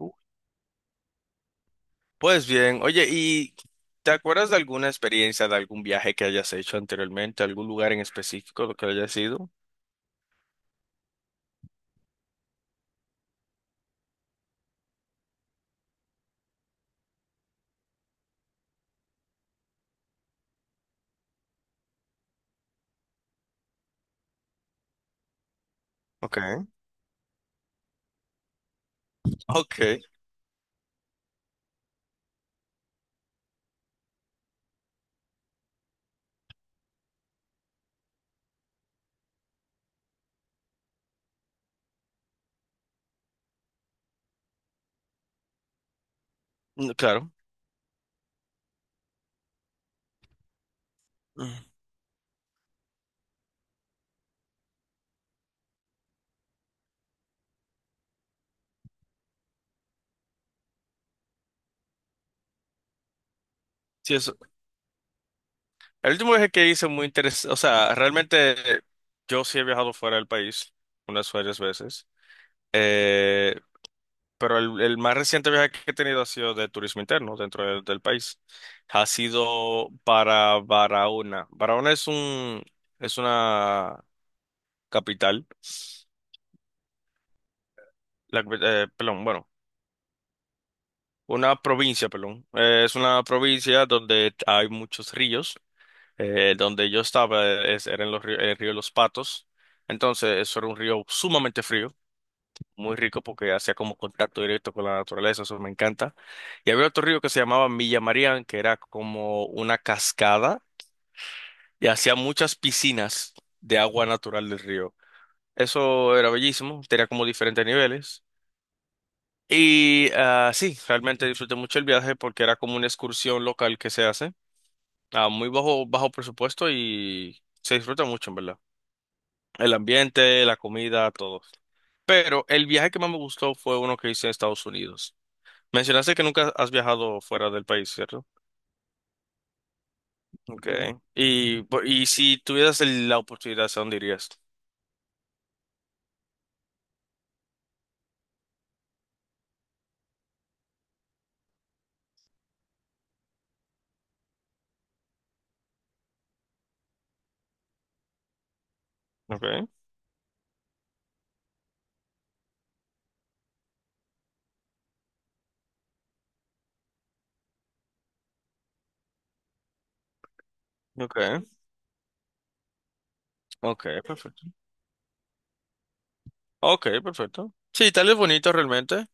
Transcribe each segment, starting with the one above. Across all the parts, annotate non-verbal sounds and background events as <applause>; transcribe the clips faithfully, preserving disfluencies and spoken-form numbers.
Uh. Pues bien, oye, ¿y te acuerdas de alguna experiencia, de algún viaje que hayas hecho anteriormente, algún lugar en específico lo que hayas ido? Okay. <laughs> Ok. Mm, claro. Mm. Sí, es, El último viaje que hice muy interesante, o sea, realmente eh, yo sí he viajado fuera del país unas varias veces, eh, pero el, el más reciente viaje que he tenido ha sido de turismo interno dentro del, del país. Ha sido para Barahona. Barahona es un, es una capital. La capi- eh, perdón, bueno, una provincia, perdón. Eh, es una provincia donde hay muchos ríos. Eh, donde yo estaba eh, es- era en los río- el río de los Patos. Entonces, eso era un río sumamente frío, muy rico porque hacía como contacto directo con la naturaleza, eso me encanta. Y había otro río que se llamaba Milla Marián, que era como una cascada y hacía muchas piscinas de agua natural del río. Eso era bellísimo, tenía como diferentes niveles. Y ah, sí, realmente disfruté mucho el viaje porque era como una excursión local que se hace a muy bajo, bajo presupuesto y se disfruta mucho, en verdad. El ambiente, la comida, todo. Pero el viaje que más me gustó fue uno que hice en Estados Unidos. Mencionaste que nunca has viajado fuera del país, ¿cierto? Okay. Y, po- y si tuvieras el- la oportunidad, ¿a dónde irías? Okay. Okay. Okay, perfecto. Okay, perfecto. Sí, Italia es bonito realmente.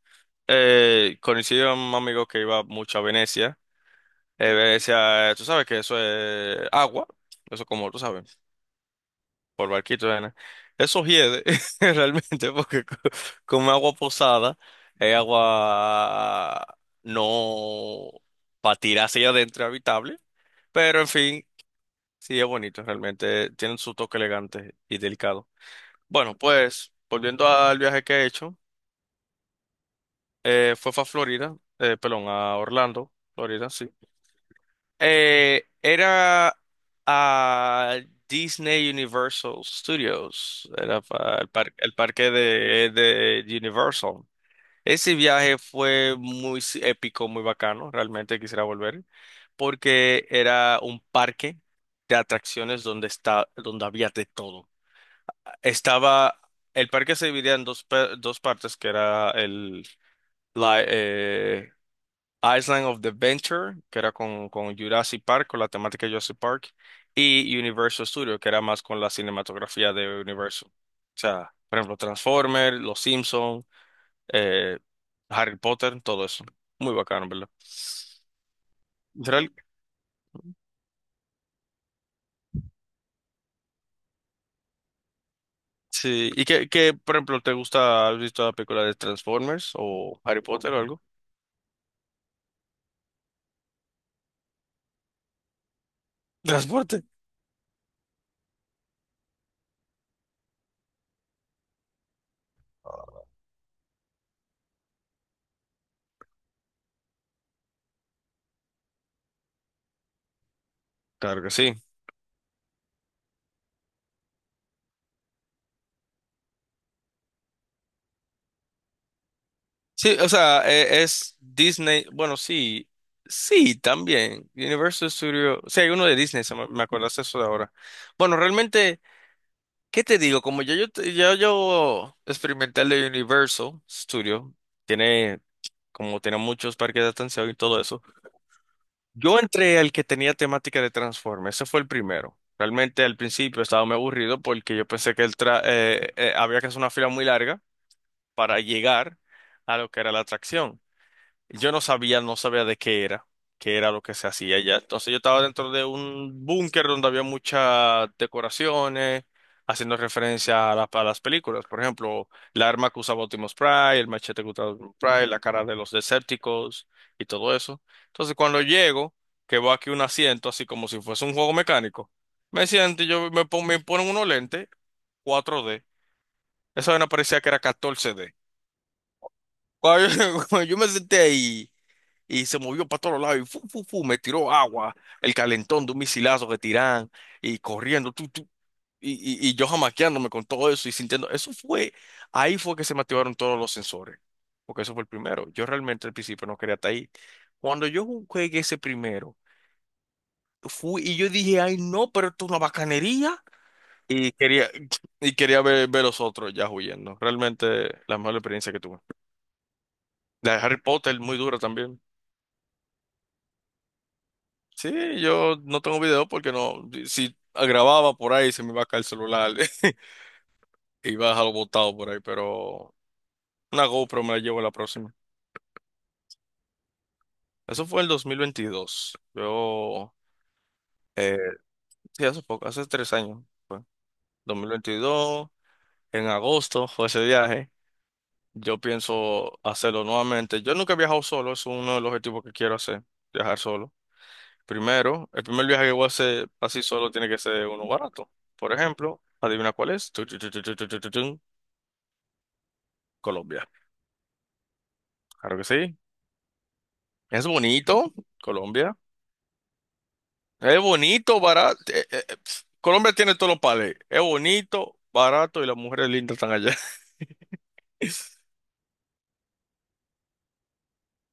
Eh, conocí a un amigo que iba mucho a Venecia. Eh, Venecia, eh, tú sabes que eso es agua. Eso como tú sabes. Por barquito, arena. Eso hiede <laughs> realmente porque co- como agua posada es agua no para tirar hacia adentro habitable, pero en fin, sí es bonito realmente, tienen su toque elegante y delicado. Bueno, pues volviendo al viaje que he hecho, eh, fue a Florida, eh, perdón, a Orlando, Florida, sí. Eh, era a Disney Universal Studios, era pa- el, par- el parque de, de Universal. Ese viaje fue muy s- épico, muy bacano, realmente quisiera volver, porque era un parque de atracciones donde está, donde había de todo. Estaba, el parque se dividía en dos, pe- dos partes, que era el, la eh, Island of the Venture, que era con, con Jurassic Park, con la temática de Jurassic Park, y Universal Studios, que era más con la cinematografía de Universal. O sea, por ejemplo, Transformers, Los Simpsons, eh, Harry Potter, todo eso. Muy bacano, ¿verdad? Real- Sí. ¿Y qué, qué, por ejemplo, te gusta? ¿Has visto la película de Transformers o Harry Potter o algo? Transporte. Claro que sí. Sí, o sea, e- es Disney, bueno, sí, sí, también. Universal Studios, sí, hay uno de Disney, se me, me acordaste eso de ahora. Bueno, realmente, ¿qué te digo? Como ya yo, te- ya yo experimenté el de Universal Studio, tiene, como tiene muchos parques de atención y todo eso. Yo entré al que tenía temática de Transformers, ese fue el primero. Realmente al principio estaba muy aburrido porque yo pensé que el tra- eh, eh, había que hacer una fila muy larga para llegar a lo que era la atracción. Yo no sabía, no sabía de qué era, qué era lo que se hacía allá. Entonces yo estaba dentro de un búnker donde había muchas decoraciones, haciendo referencia a, la- a las películas. Por ejemplo, la arma que usaba Optimus Prime, el machete que usaba Optimus Prime, la cara de los Decepticons y todo eso. Entonces cuando llego, que veo aquí un asiento, así como si fuese un juego mecánico, me siento y yo me, pon- me ponen unos lentes cuatro D. Esa vaina parecía que era catorce D. Cuando yo, <laughs> cuando yo me senté ahí y se movió para todos lados y fu, fu, fu, me tiró agua, el calentón de un misilazo que tiran y corriendo, tú, tú, y, y, y yo jamaqueándome con todo eso y sintiendo, eso fue, ahí fue que se me activaron todos los sensores, porque eso fue el primero. Yo realmente al principio no quería estar ahí. Cuando yo jugué ese primero, fui y yo dije, ay no, pero esto es una bacanería. Y quería, y quería ver, ver los otros ya huyendo. Realmente la mejor experiencia que tuve. La de Harry Potter, muy dura también. Sí, yo no tengo video porque no, si si grababa por ahí se me iba a caer el celular <laughs> y iba a dejarlo botado por ahí, pero una GoPro me la llevo la próxima. Eso fue el dos mil veintidós. Yo, eh, sí, hace poco, hace tres años fue. dos mil veintidós, en agosto fue ese viaje. Yo pienso hacerlo nuevamente. Yo nunca he viajado solo, es uno de los objetivos que quiero hacer, viajar solo. Primero, el primer viaje que voy a hacer así solo tiene que ser uno barato. Por ejemplo, adivina cuál es. Tu, tu, tu, tu, tu, tu, tu, tu, tu. Colombia. Claro que sí. Es bonito, Colombia. Es bonito, barato. Eh, eh, eh, pf, Colombia tiene todos los pales. Es bonito, barato y las mujeres lindas están allá. <laughs>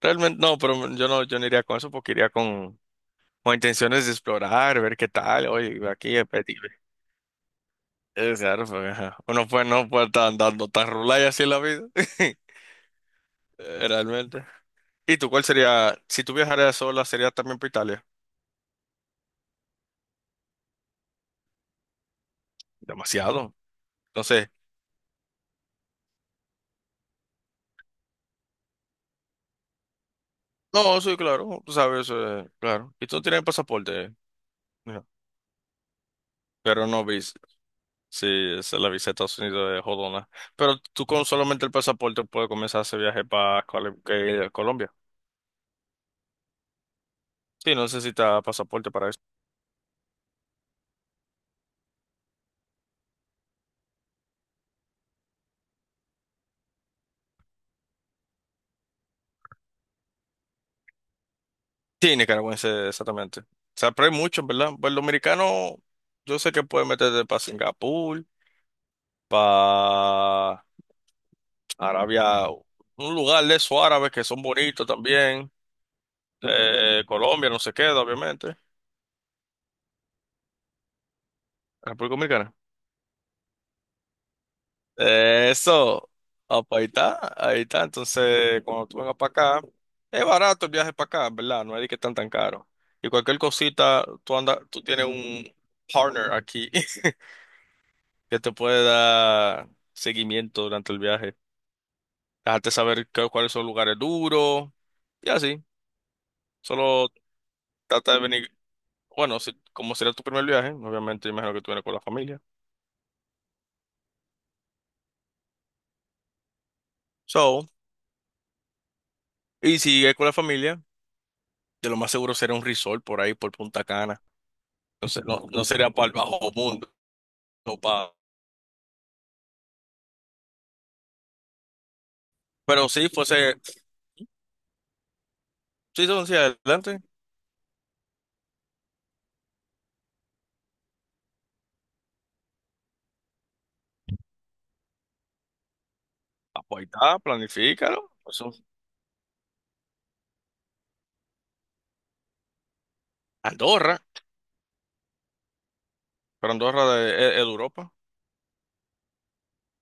Realmente no, pero yo no, yo no iría con eso porque iría con, con intenciones de explorar, ver qué tal. Oye, aquí es petit. Es claro, porque, ajá, uno pues no puede estar andando tan rulay así en la vida. <laughs> Eh, realmente. ¿Y tú cuál sería? Si tú viajaras sola, ¿sería también por Italia? Demasiado. Entonces, no, sí, claro, tú sabes, eh, claro. Y tú no tienes pasaporte, eh, mira, pero no vis. Sí, esa es la visa de Estados Unidos de jodona. Pero tú con solamente el pasaporte puedes comenzar ese viaje para Colombia. Sí, no necesitas pasaporte para eso. Sí, nicaragüense, exactamente. O sea, pero hay muchos, ¿verdad? Pues el dominicano, yo sé que puede meterte para Singapur, para Arabia, un lugar de esos árabes que son bonitos también. Eh, Colombia, no se queda, obviamente. República Dominicana. Eh, eso, apa, ahí está, ahí está. Entonces, cuando tú vengas para acá, es barato el viaje para acá, ¿verdad? No es de que están tan caro. Y cualquier cosita, tú andas, tú tienes un partner aquí <laughs> que te puede dar seguimiento durante el viaje. Dejarte saber qué- cuáles son los lugares duros y así. Solo trata de venir. Bueno, si- como será tu primer viaje, obviamente imagino que tú vienes con la familia. So, y si es con la familia, de lo más seguro será un resort por ahí, por Punta Cana. Entonces, no, no sería para el bajo mundo, no pa- pero si fuese, si son hacia adelante, ah, pues ahí está, planifícalo. Eso, Andorra, pero Andorra de, es- es de Europa.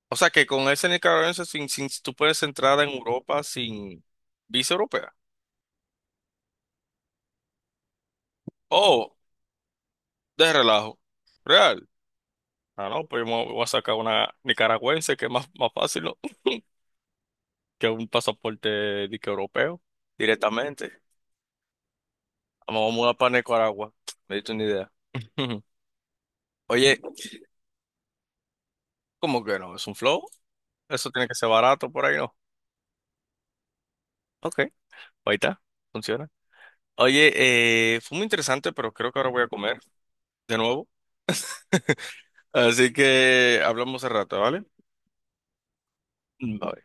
O sea que con ese nicaragüense, sin, sin, tú puedes entrar en Europa sin visa europea. Oh, de relajo. Real. Ah, no, pues yo me voy a sacar una nicaragüense que es más, más fácil, ¿no? Que un pasaporte dique europeo directamente. Vamos a mudar para Nicaragua. Me diste una idea. <laughs> Oye, ¿cómo que no? ¿Es un flow? Eso tiene que ser barato por ahí, ¿no? Ok, ahí está, funciona. Oye, eh, fue muy interesante, pero creo que ahora voy a comer de nuevo. Así que hablamos al rato, ¿vale? Bye.